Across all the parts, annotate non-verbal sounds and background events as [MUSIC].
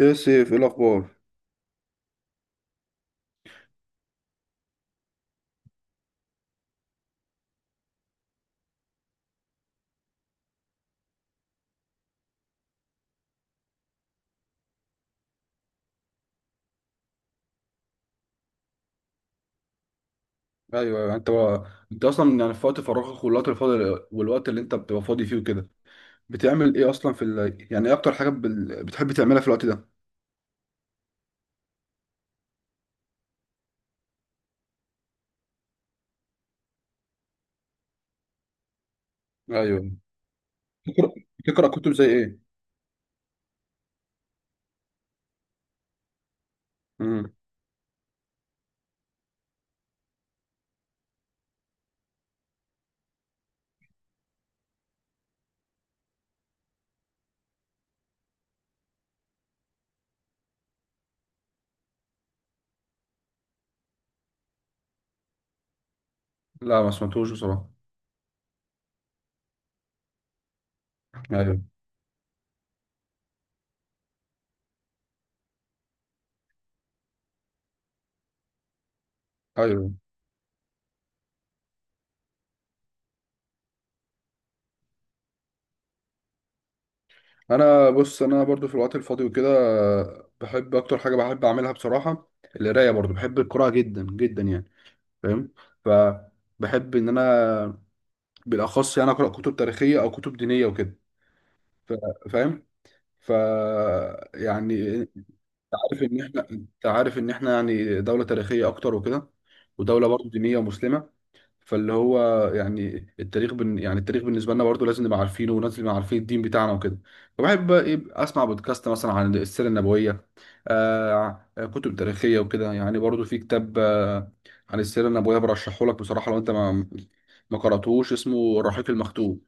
ايه يا سيف، ايه الاخبار؟ ايوه انت بقى انت اصلا يعني في وقت فراغك والوقت الفاضي والوقت اللي انت بتبقى فاضي فيه وكده، بتعمل ايه اصلا في ال... يعني ايه اكتر حاجه بال بتحب تعملها في الوقت ده؟ ايوه. تقرا تقرا كتب زي ايه؟ امم لا، ما سمعتوش بصراحه. ايوه ايوه، انا بص، انا برضو في الوقت الفاضي وكده بحب اكتر حاجه بحب اعملها بصراحه القرايه، برضو بحب القراءه جدا جدا يعني. فاهم؟ ف بحب ان انا بالاخص يعني اقرا كتب تاريخيه او كتب دينيه وكده. ف- فاهم؟ ف يعني انت عارف ان احنا، انت عارف ان احنا يعني دولة تاريخية اكتر وكده، ودولة برضه دينية ومسلمة. فاللي هو يعني التاريخ بالنسبة لنا برضه لازم نبقى عارفينه، ولازم نبقى عارفين الدين بتاعنا وكده. فبحب بقى ايه اسمع بودكاست مثلا عن السيرة النبوية. آه، كتب تاريخية وكده يعني، برضه في كتاب آه عن السيرة النبوية برشحه لك بصراحة، لو انت ما قرأتوش اسمه الرحيق المختوم.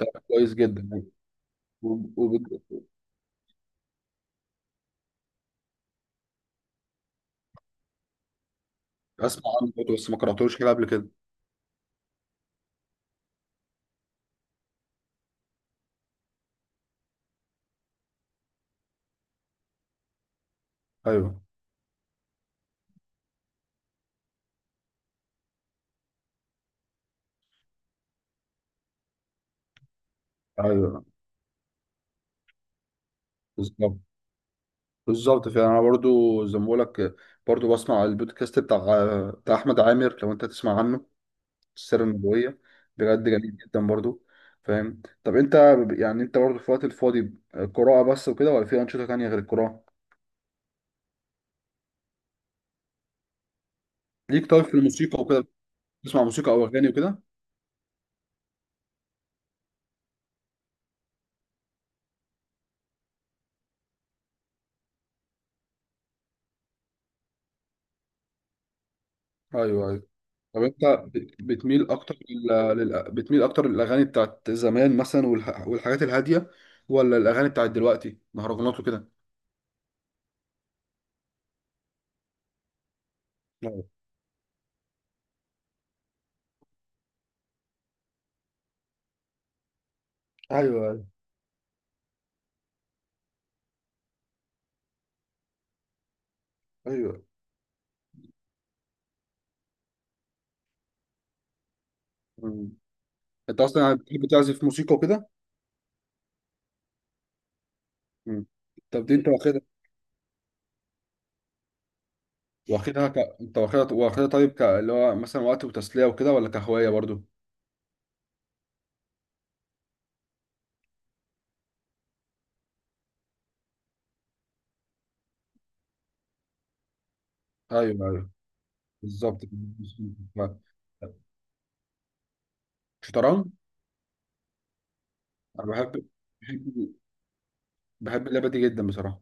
ده كويس جدا يعني. وب- وب- اسمع عنه برضه، بس ما قرأتوش كده قبل كده. ايوه. ايوه بالظبط بالظبط فعلا، انا برضو زي ما بقول لك برضو بسمع البودكاست بتاع احمد عامر، لو انت تسمع عنه. السر النبويه، بجد جميل جدا برضو. فاهم؟ طب انت يعني انت برضو في الوقت الفاضي قراءه بس وكده، ولا في انشطه تانية غير القراءه؟ ليك طيب في الموسيقى وكده، بتسمع موسيقى او اغاني وكده؟ ايوه ايوه. طب انت بتميل اكتر لل لل بتميل اكتر للاغاني بتاعت زمان مثلا والحاجات الهاديه، ولا الاغاني بتاعت دلوقتي مهرجانات وكده؟ ايوه ايوه ايوه. مم. انت اصلا يعني بتحب تعزف موسيقى وكده؟ مم. طب دي انت واخدها ك انت واخدها طيب، ك اللي هو مثلا وقت وتسليه وكده، ولا كهوايه برضو؟ ايوه ايوه بالظبط. شطرنج، انا بحب، بحب بحب اللعبه دي جدا بصراحه.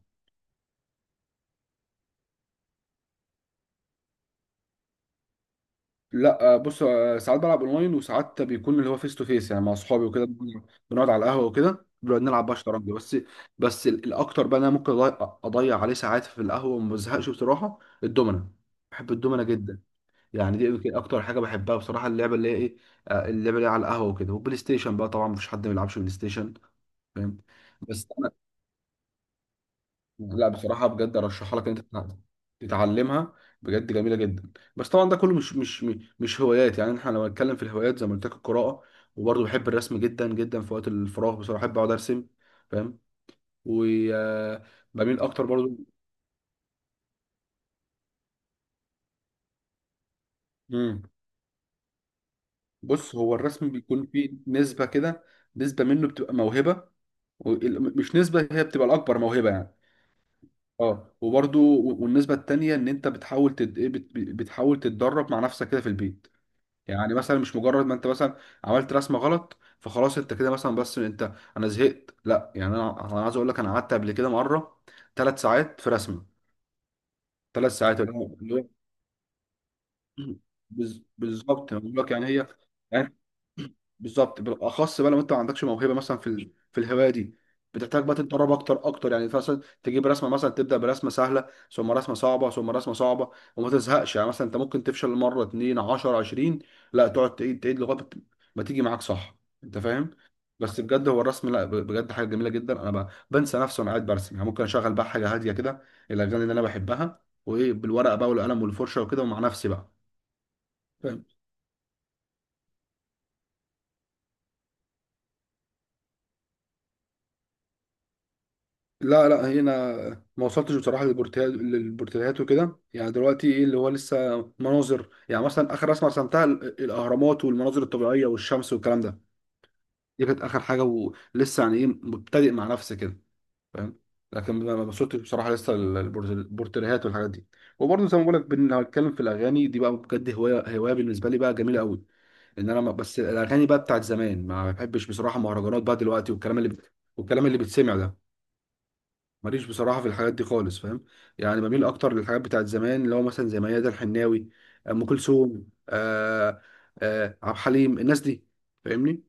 لا آه، بص آه، ساعات بلعب اونلاين، وساعات بيكون اللي هو فيس تو فيس يعني مع اصحابي وكده. بنقعد على القهوه وكده، بنقعد نلعب بقى شطرنج بس. الاكتر بقى إن انا ممكن أضيع، اضيع عليه ساعات في القهوه وما بزهقش بصراحه. الدومنه، بحب الدومنه جدا. يعني دي يمكن اكتر حاجه بحبها بصراحه، اللعبه اللي هي ايه آه، اللعبه اللي هي على القهوه وكده. والبلاي ستيشن بقى طبعا مفيش حد ما بيلعبش بلاي ستيشن. فاهم؟ بس لا بصراحة بجد أرشحها لك إن أنت تتعلمها، بجد جميلة جدا. بس طبعا ده كله مش هوايات يعني، احنا لو هنتكلم في الهوايات زي ما قلت لك القراءة. وبرضه بحب الرسم جدا جدا، في وقت الفراغ بصراحة بحب أقعد أرسم. فاهم؟ وبميل أكتر برضه. مم. بص، هو الرسم بيكون فيه نسبة كده، نسبة منه بتبقى موهبة، مش نسبة، هي بتبقى الأكبر موهبة يعني. اه، وبرضه والنسبة التانية إن أنت بتحاول بتحاول تتدرب مع نفسك كده في البيت. يعني مثلا مش مجرد ما انت مثلا عملت رسمه غلط فخلاص انت كده مثلا، بس انت، انا زهقت لا. يعني انا، انا عايز اقول لك انا قعدت قبل كده مره ثلاث ساعات في رسمه. ثلاث ساعات، اللي هو اللي هو [CLEARS THROAT] بالظبط، أنا بقول لك يعني هي يعني بالظبط. بالاخص بقى لو انت ما عندكش موهبه مثلا في ال في الهوايه دي، بتحتاج بقى تتدرب اكتر اكتر. يعني مثلا تجيب رسمه، مثلا تبدا برسمه سهله، ثم رسمه صعبه، ثم رسمه صعبه، وما تزهقش. يعني مثلا انت ممكن تفشل مره اتنين 10 20، لا تقعد تعيد تعيد لغايه ما ما تيجي معاك صح. انت فاهم؟ بس بجد هو الرسم لا بجد حاجه جميله جدا. انا بنسى نفسي وانا قاعد برسم، يعني ممكن اشغل بقى حاجه هاديه كده، الاغاني اللي انا بحبها وايه، بالورقه بقى والقلم والفرشه وكده، ومع نفسي بقى. لا لا، هنا ما وصلتش بصراحه للبورتاليات وكده. يعني دلوقتي ايه اللي هو لسه مناظر، يعني مثلا اخر رسمه رسمتها الاهرامات والمناظر الطبيعيه والشمس والكلام ده. دي كانت اخر حاجه، ولسه يعني ايه مبتدئ مع نفسي كده. فاهم؟ لكن ما وصلتش بصراحه لسه للبورتاليات والحاجات دي. وبرضه زي ما بقول لك، لو هتكلم في الاغاني دي بقى، بجد هوايه، هوايه بالنسبه لي بقى جميله قوي. ان انا بس الاغاني بقى بتاعت زمان. ما بحبش بصراحه مهرجانات بقى دلوقتي، والكلام اللي بيتسمع ده. ماليش بصراحة في الحاجات دي خالص. فاهم؟ يعني بميل أكتر للحاجات بتاعت زمان، اللي هو مثلا زي ميادة الحناوي، آه، أم كلثوم، آه آه، عبد الحليم، الناس دي. فاهمني؟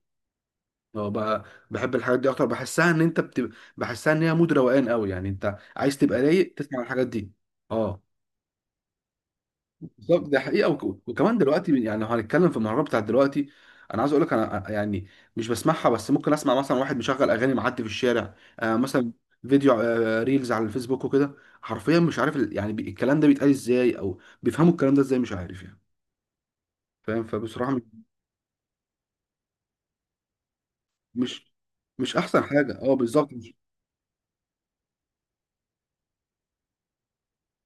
اه بقى، بحب الحاجات دي أكتر، بحسها إن أنت بتبقى، بحسها إن هي مود روقان قوي يعني، أنت عايز تبقى رايق تسمع الحاجات دي. اه بالظبط، ده حقيقه. وكمان دلوقتي يعني لو هنتكلم في المهرجان بتاع دلوقتي، انا عايز اقول لك انا يعني مش بسمعها، بس ممكن اسمع مثلا واحد مشغل اغاني معدي في الشارع آه، مثلا فيديو آه ريلز على الفيسبوك وكده، حرفيا مش عارف الكلام ده بيتقال ازاي، او بيفهموا الكلام ده ازاي مش عارف يعني. فاهم؟ فبصراحه مش مش احسن حاجه. اه بالظبط،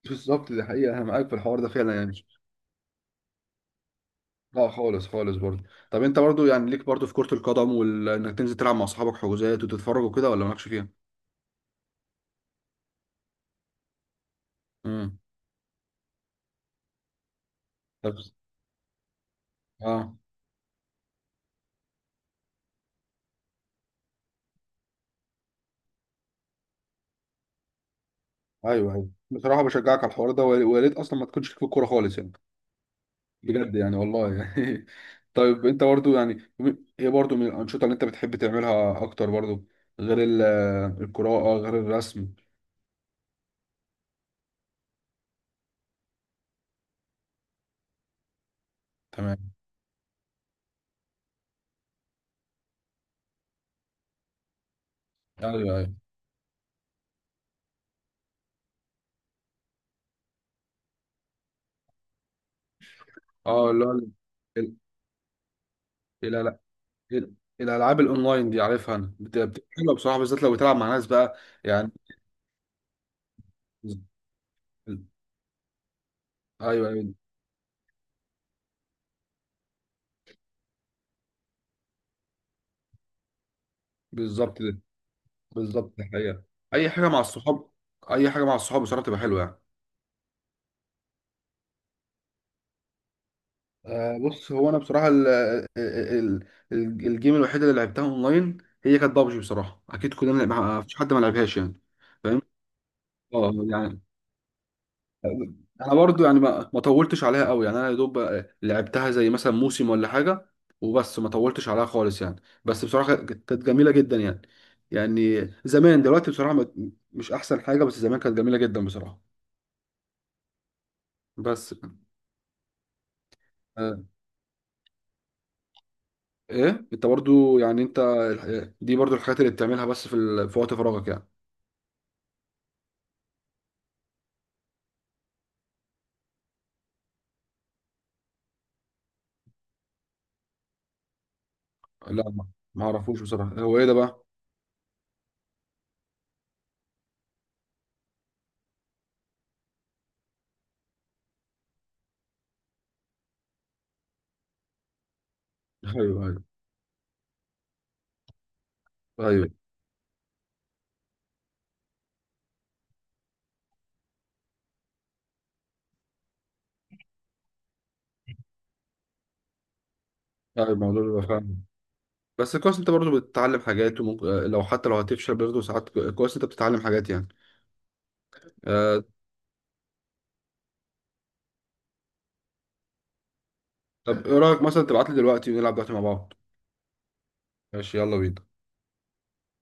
بالظبط ده حقيقه، انا معاك في الحوار ده فعلا يعني. لا خالص، خالص برضه. طب انت برضه يعني ليك برضه في كرة القدم، وانك تنزل تلعب مع اصحابك حجوزات وتتفرج وكده، ولا مالكش فيها؟ امم اه. ايوه ايوه بصراحه، بشجعك على الحوار ده، ويا ريت اصلا ما تكونش ليك في الكوره خالص يعني، بجد يعني والله يعني. [LAUGHS] طيب انت برضو يعني ايه برضو من الانشطه اللي انت بتحب تعملها اكتر برضو، غير القراءه، غير الرسم؟ تمام. ايوه ايوه. اه اللي هو ال- لا لا، ال- الالعاب الاونلاين دي عارفها انا، حلوه بصراحه، بالذات لو بتلعب مع ناس بقى يعني. ايوه ايوه بالظبط، ده بالظبط ده الحقيقه، اي حاجه مع الصحاب، اي حاجه مع الصحاب بصراحه بتبقى حلوه يعني. آه، بص هو انا بصراحه ال آه، ال ال الجيم الوحيده اللي لعبتها اونلاين هي كانت بابجي بصراحه. اكيد كلنا ما فيش حد ما لعبهاش يعني. فاهم؟ اه يعني، انا برضو يعني ما طولتش عليها قوي يعني، انا يا دوب آه، لعبتها زي مثلا موسم ولا حاجه وبس، ما طولتش عليها خالص يعني. بس بصراحه كانت جميله جدا يعني. يعني زمان، دلوقتي بصراحه مش احسن حاجه، بس زمان كانت جميله جدا بصراحه. بس آه، ايه انت برضو يعني انت دي برضو الحاجات اللي بتعملها بس في في وقت فراغك يعني؟ لا، ما اعرفوش بصراحه، هو ايه ده بقى؟ ايوه ايوه ايوه ايوه، الموضوع بيبقى فاهم. بس كويس انت برضو بتتعلم حاجات، وممكن آه، لو حتى لو هتفشل برضو ساعات، كويس انت بتتعلم حاجات يعني. آه. طب ايه رايك مثلا تبعت لي دلوقتي ونلعب دلوقتي مع بعض؟ ماشي، يلا بينا.